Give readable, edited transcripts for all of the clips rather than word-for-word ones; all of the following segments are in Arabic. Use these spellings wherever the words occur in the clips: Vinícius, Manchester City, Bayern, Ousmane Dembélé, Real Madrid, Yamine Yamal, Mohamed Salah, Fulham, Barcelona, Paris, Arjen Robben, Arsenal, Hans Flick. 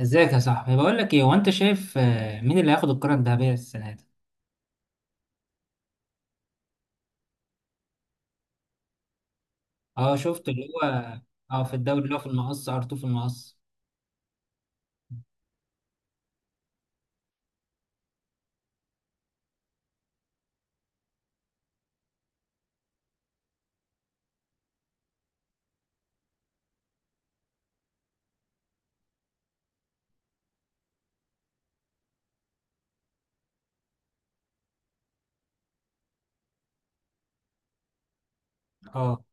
ازيك يا صاحبي، بقول لك ايه، هو انت شايف مين اللي هياخد الكرة الذهبية السنة دي؟ اه، شفت اللي هو. اه، في الدوري اللي هو في المقص ار في المقص. اه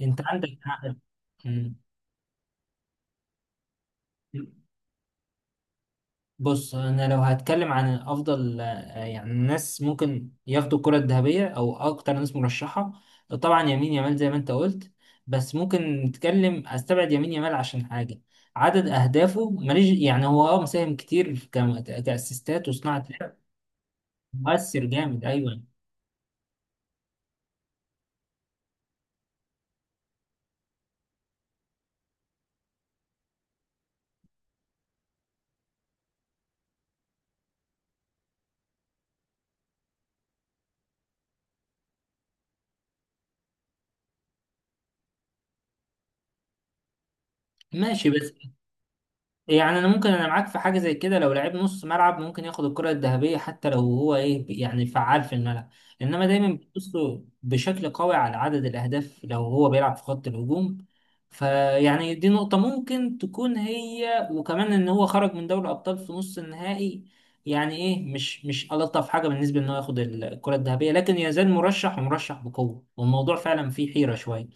انت عندك حق. مم. بص، انا لو هتكلم عن افضل يعني ناس ممكن ياخدوا الكرة الذهبية او اكتر ناس مرشحة، طبعا يمين يامال زي ما انت قلت. بس ممكن نتكلم، استبعد يمين يامال عشان حاجة، عدد اهدافه ماليش، يعني هو مساهم كتير كاسيستات وصناعة لعب. مؤثر جامد، ايوه. ماشي، بس يعني انا ممكن انا معاك في حاجه زي كده، لو لعيب نص ملعب ممكن ياخد الكره الذهبيه حتى لو هو ايه، يعني فعال في الملعب، انما دايما بيبصوا بشكل قوي على عدد الاهداف لو هو بيلعب في خط الهجوم. فيعني دي نقطه ممكن تكون، هي وكمان ان هو خرج من دوري الابطال في نص النهائي. يعني ايه، مش الطف حاجه بالنسبه ان هو ياخد الكره الذهبيه، لكن يزال مرشح ومرشح بقوه، والموضوع فعلا فيه حيره شويه.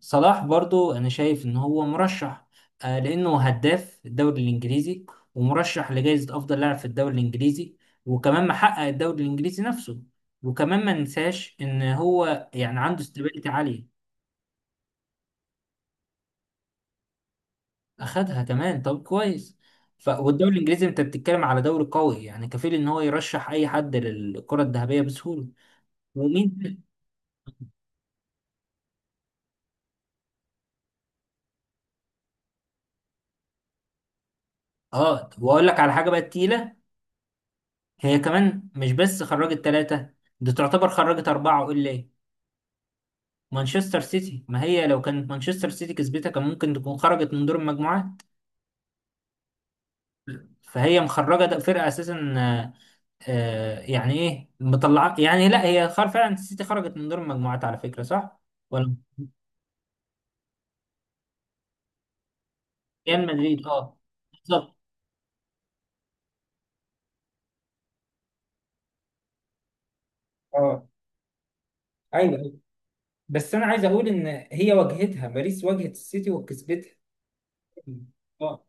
صلاح برضو انا شايف ان هو مرشح، لانه هداف الدوري الانجليزي، ومرشح لجائزة افضل لاعب في الدوري الانجليزي، وكمان محقق الدوري الانجليزي نفسه، وكمان ما ننساش ان هو يعني عنده استابيليتي عالية. اخدها كمان، طب كويس. والدوري الانجليزي انت بتتكلم على دوري قوي، يعني كفيل ان هو يرشح اي حد للكرة الذهبية بسهولة. ومين؟ اه، واقول لك على حاجة بقى تقيلة. هي كمان مش بس خرجت ثلاثة، دي تعتبر خرجت أربعة وإلا إيه. مانشستر سيتي، ما هي لو كانت مانشستر سيتي كسبتها كان ممكن تكون خرجت من دور المجموعات. فهي مخرجه، ده فرقه اساسا. يعني ايه، مطلعه، يعني لا هي فعلا السيتي خرجت من دور المجموعات، على فكره صح ولا؟ ريال مدريد، اه. بالظبط. اه. ايوه، ايوه. بس انا عايز اقول ان هي واجهتها باريس، واجهت السيتي وكسبتها. اه.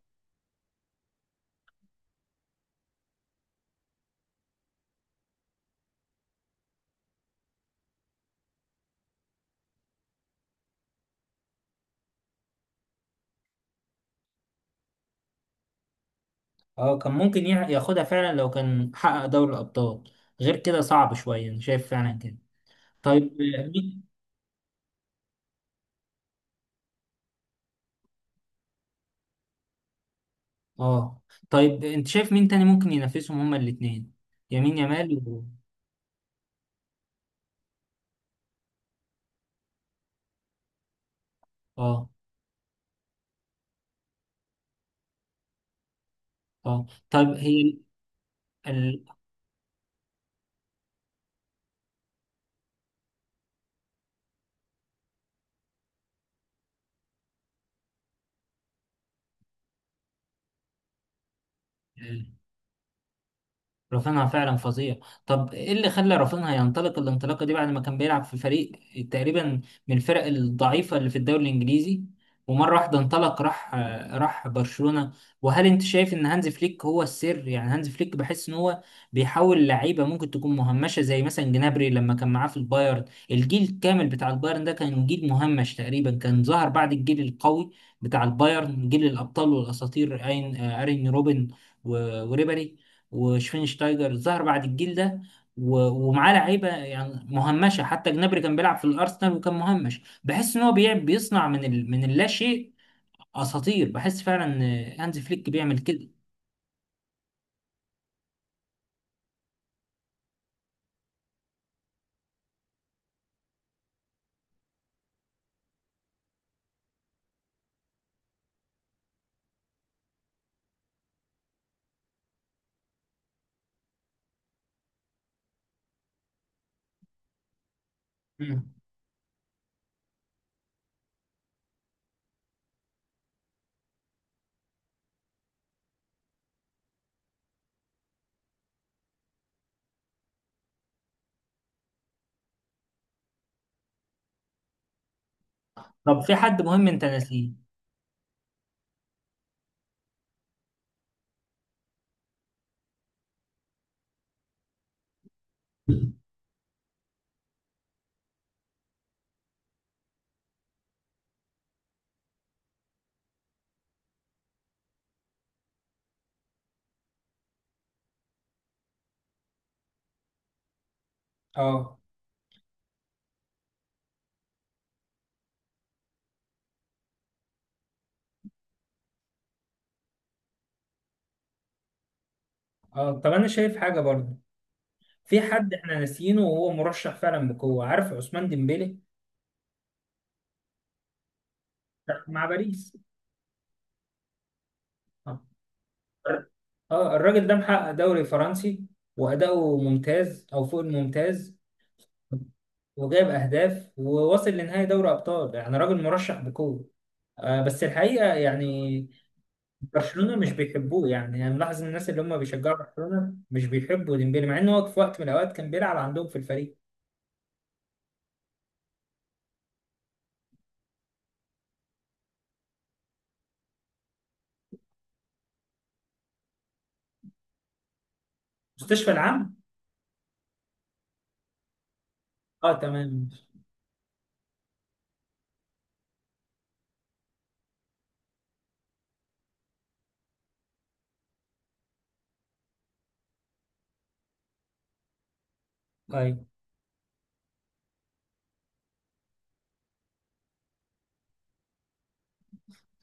اه، كان ممكن ياخدها فعلا لو كان حقق دوري الابطال. غير كده صعب شويه، انا شايف فعلا كده. طيب. اه، طيب انت شايف مين تاني ممكن ينافسهم هما الاثنين؟ يمين يامال اه. اه، طيب هي ال... ال... رافينها فعلا فظيع. طب ايه اللي خلى رافينها ينطلق الانطلاقه دي، بعد ما كان بيلعب في فريق تقريبا من الفرق الضعيفه اللي في الدوري الانجليزي، ومره واحده انطلق، راح راح برشلونه؟ وهل انت شايف ان هانز فليك هو السر؟ يعني هانز فليك بحس ان هو بيحاول لعيبه ممكن تكون مهمشه، زي مثلا جنابري لما كان معاه في البايرن. الجيل الكامل بتاع البايرن ده كان جيل مهمش، تقريبا كان ظهر بعد الجيل القوي بتاع البايرن، جيل الابطال والاساطير، اين ارين روبن و- وريبري وشفينشتايجر، ظهر بعد الجيل ده. و- ومعاه لعيبه يعني مهمشه، حتى جنابري كان بيلعب في الارسنال وكان مهمش. بحس ان هو بيصنع من من اللا شيء اساطير، بحس فعلا ان هانز فليك بيعمل كده. مم. طب في حد مهم انت ناسيه؟ اه، اه، طب انا شايف حاجه برضه، في حد احنا ناسيينه وهو مرشح فعلا بقوه، عارف، عثمان ديمبélé، مع باريس. اه. اه، الراجل ده محقق دوري فرنسي، واداؤه ممتاز او فوق الممتاز، وجايب اهداف وواصل لنهائي دوري ابطال، يعني راجل مرشح بقوه، بس الحقيقه يعني برشلونه مش بيحبوه، يعني انا ملاحظ إن الناس اللي هم بيشجعوا برشلونه مش بيحبوا ديمبلي مع ان هو في وقت من الاوقات كان بيلعب عندهم في الفريق. مستشفى العام. اه تمام ماشي. طيب.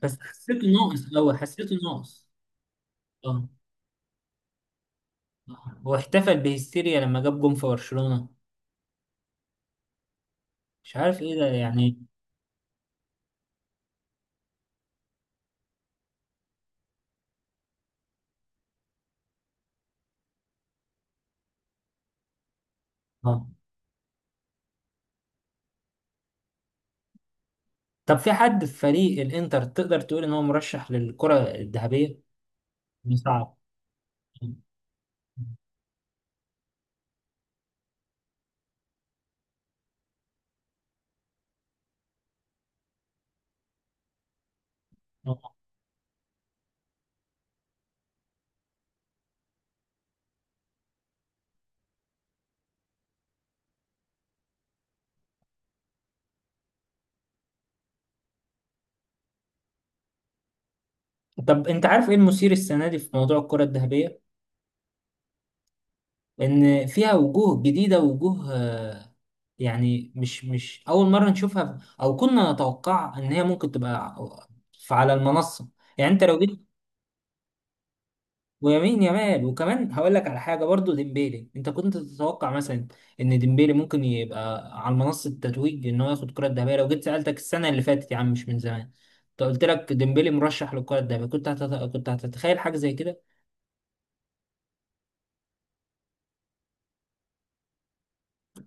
بس حسيته ناقص أوي، حسيته ناقص. اه. آه. واحتفل بهستيريا لما جاب جون في برشلونة. مش عارف ايه ده يعني. اه. طب في حد في فريق الانتر تقدر تقول ان هو مرشح للكرة الذهبية؟ صعب. آه. طب انت عارف ايه المثير السنه دي في موضوع الكره الذهبيه؟ لان فيها وجوه جديده، وجوه يعني مش اول مره نشوفها، او كنا نتوقع ان هي ممكن تبقى على المنصه. يعني انت لو جيت، ويمين يمال، وكمان هقول لك على حاجه برضو ديمبيلي، انت كنت تتوقع مثلا ان ديمبيلي ممكن يبقى على منصه التتويج، ان هو ياخد الكره الذهبيه؟ لو جيت سالتك السنه اللي فاتت، يا عم مش من زمان، انت قلت لك ديمبيلي مرشح للكره الذهبيه، كنت هتتخيل حاجه زي كده؟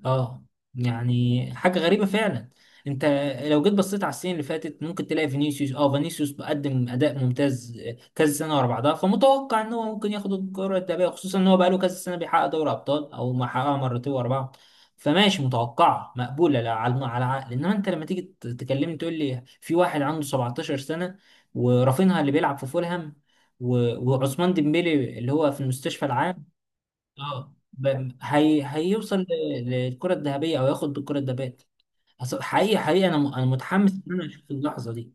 اه. يعني حاجة غريبة فعلا. انت لو جيت بصيت على السنين اللي فاتت ممكن تلاقي فينيسيوس، اه فينيسيوس بقدم اداء ممتاز كذا سنة ورا بعضها، فمتوقع ان هو ممكن ياخد الكرة الذهبية، خصوصا ان هو بقاله كذا سنة بيحقق دوري ابطال، او ما حققها مرتين ورا بعض. فماشي، متوقعة مقبولة لا على على العقل. انما انت لما تيجي تكلمني تقول لي في واحد عنده 17 سنة، ورافينها اللي بيلعب في فولهام، و- وعثمان ديمبélé اللي هو في المستشفى العام، هي هيوصل للكرة الذهبية، او ياخد بالكرة الذهبية؟ حقيقي حقيقي انا انا متحمس ان انا اشوف اللحظة دي.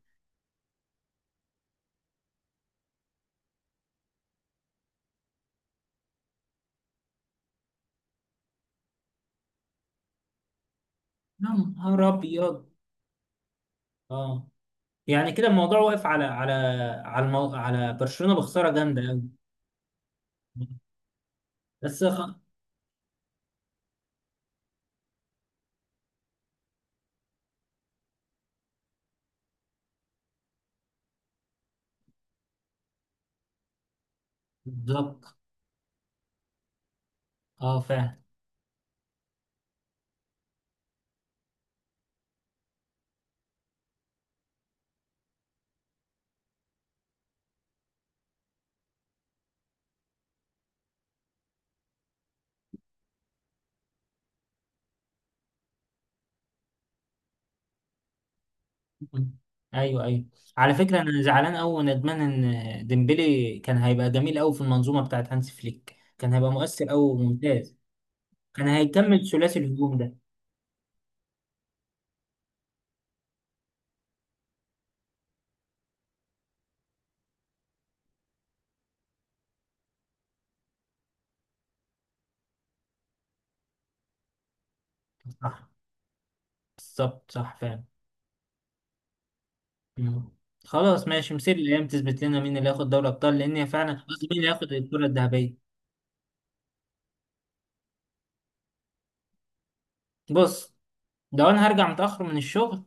يا نهار ابيض. اه، يعني كده الموضوع واقف على على على على برشلونة بخسارة جامدة قوي. بس خ... بالظبط. اه فعلا. ايوه ايوه. على فكرة انا زعلان قوي وندمان ان ديمبلي كان هيبقى جميل قوي في المنظومة بتاعت هانس فليك، كان هيبقى مؤثر قوي وممتاز، كان هيكمل ثلاثي الهجوم ده. صح. بالظبط، صح فعلا. مم. خلاص ماشي، مثير، الايام تثبت لنا مين اللي هياخد دوري ابطال، لان هي فعلا خلاص، مين اللي هياخد الكره الذهبيه. بص، لو انا هرجع متاخر من الشغل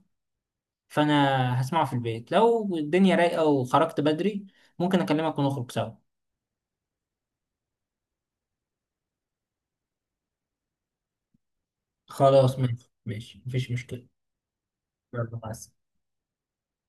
فانا هسمعه في البيت، لو الدنيا رايقه وخرجت بدري ممكن اكلمك ونخرج سوا. خلاص ماشي، ماشي، مفيش مشكله. يلا مع السلامه.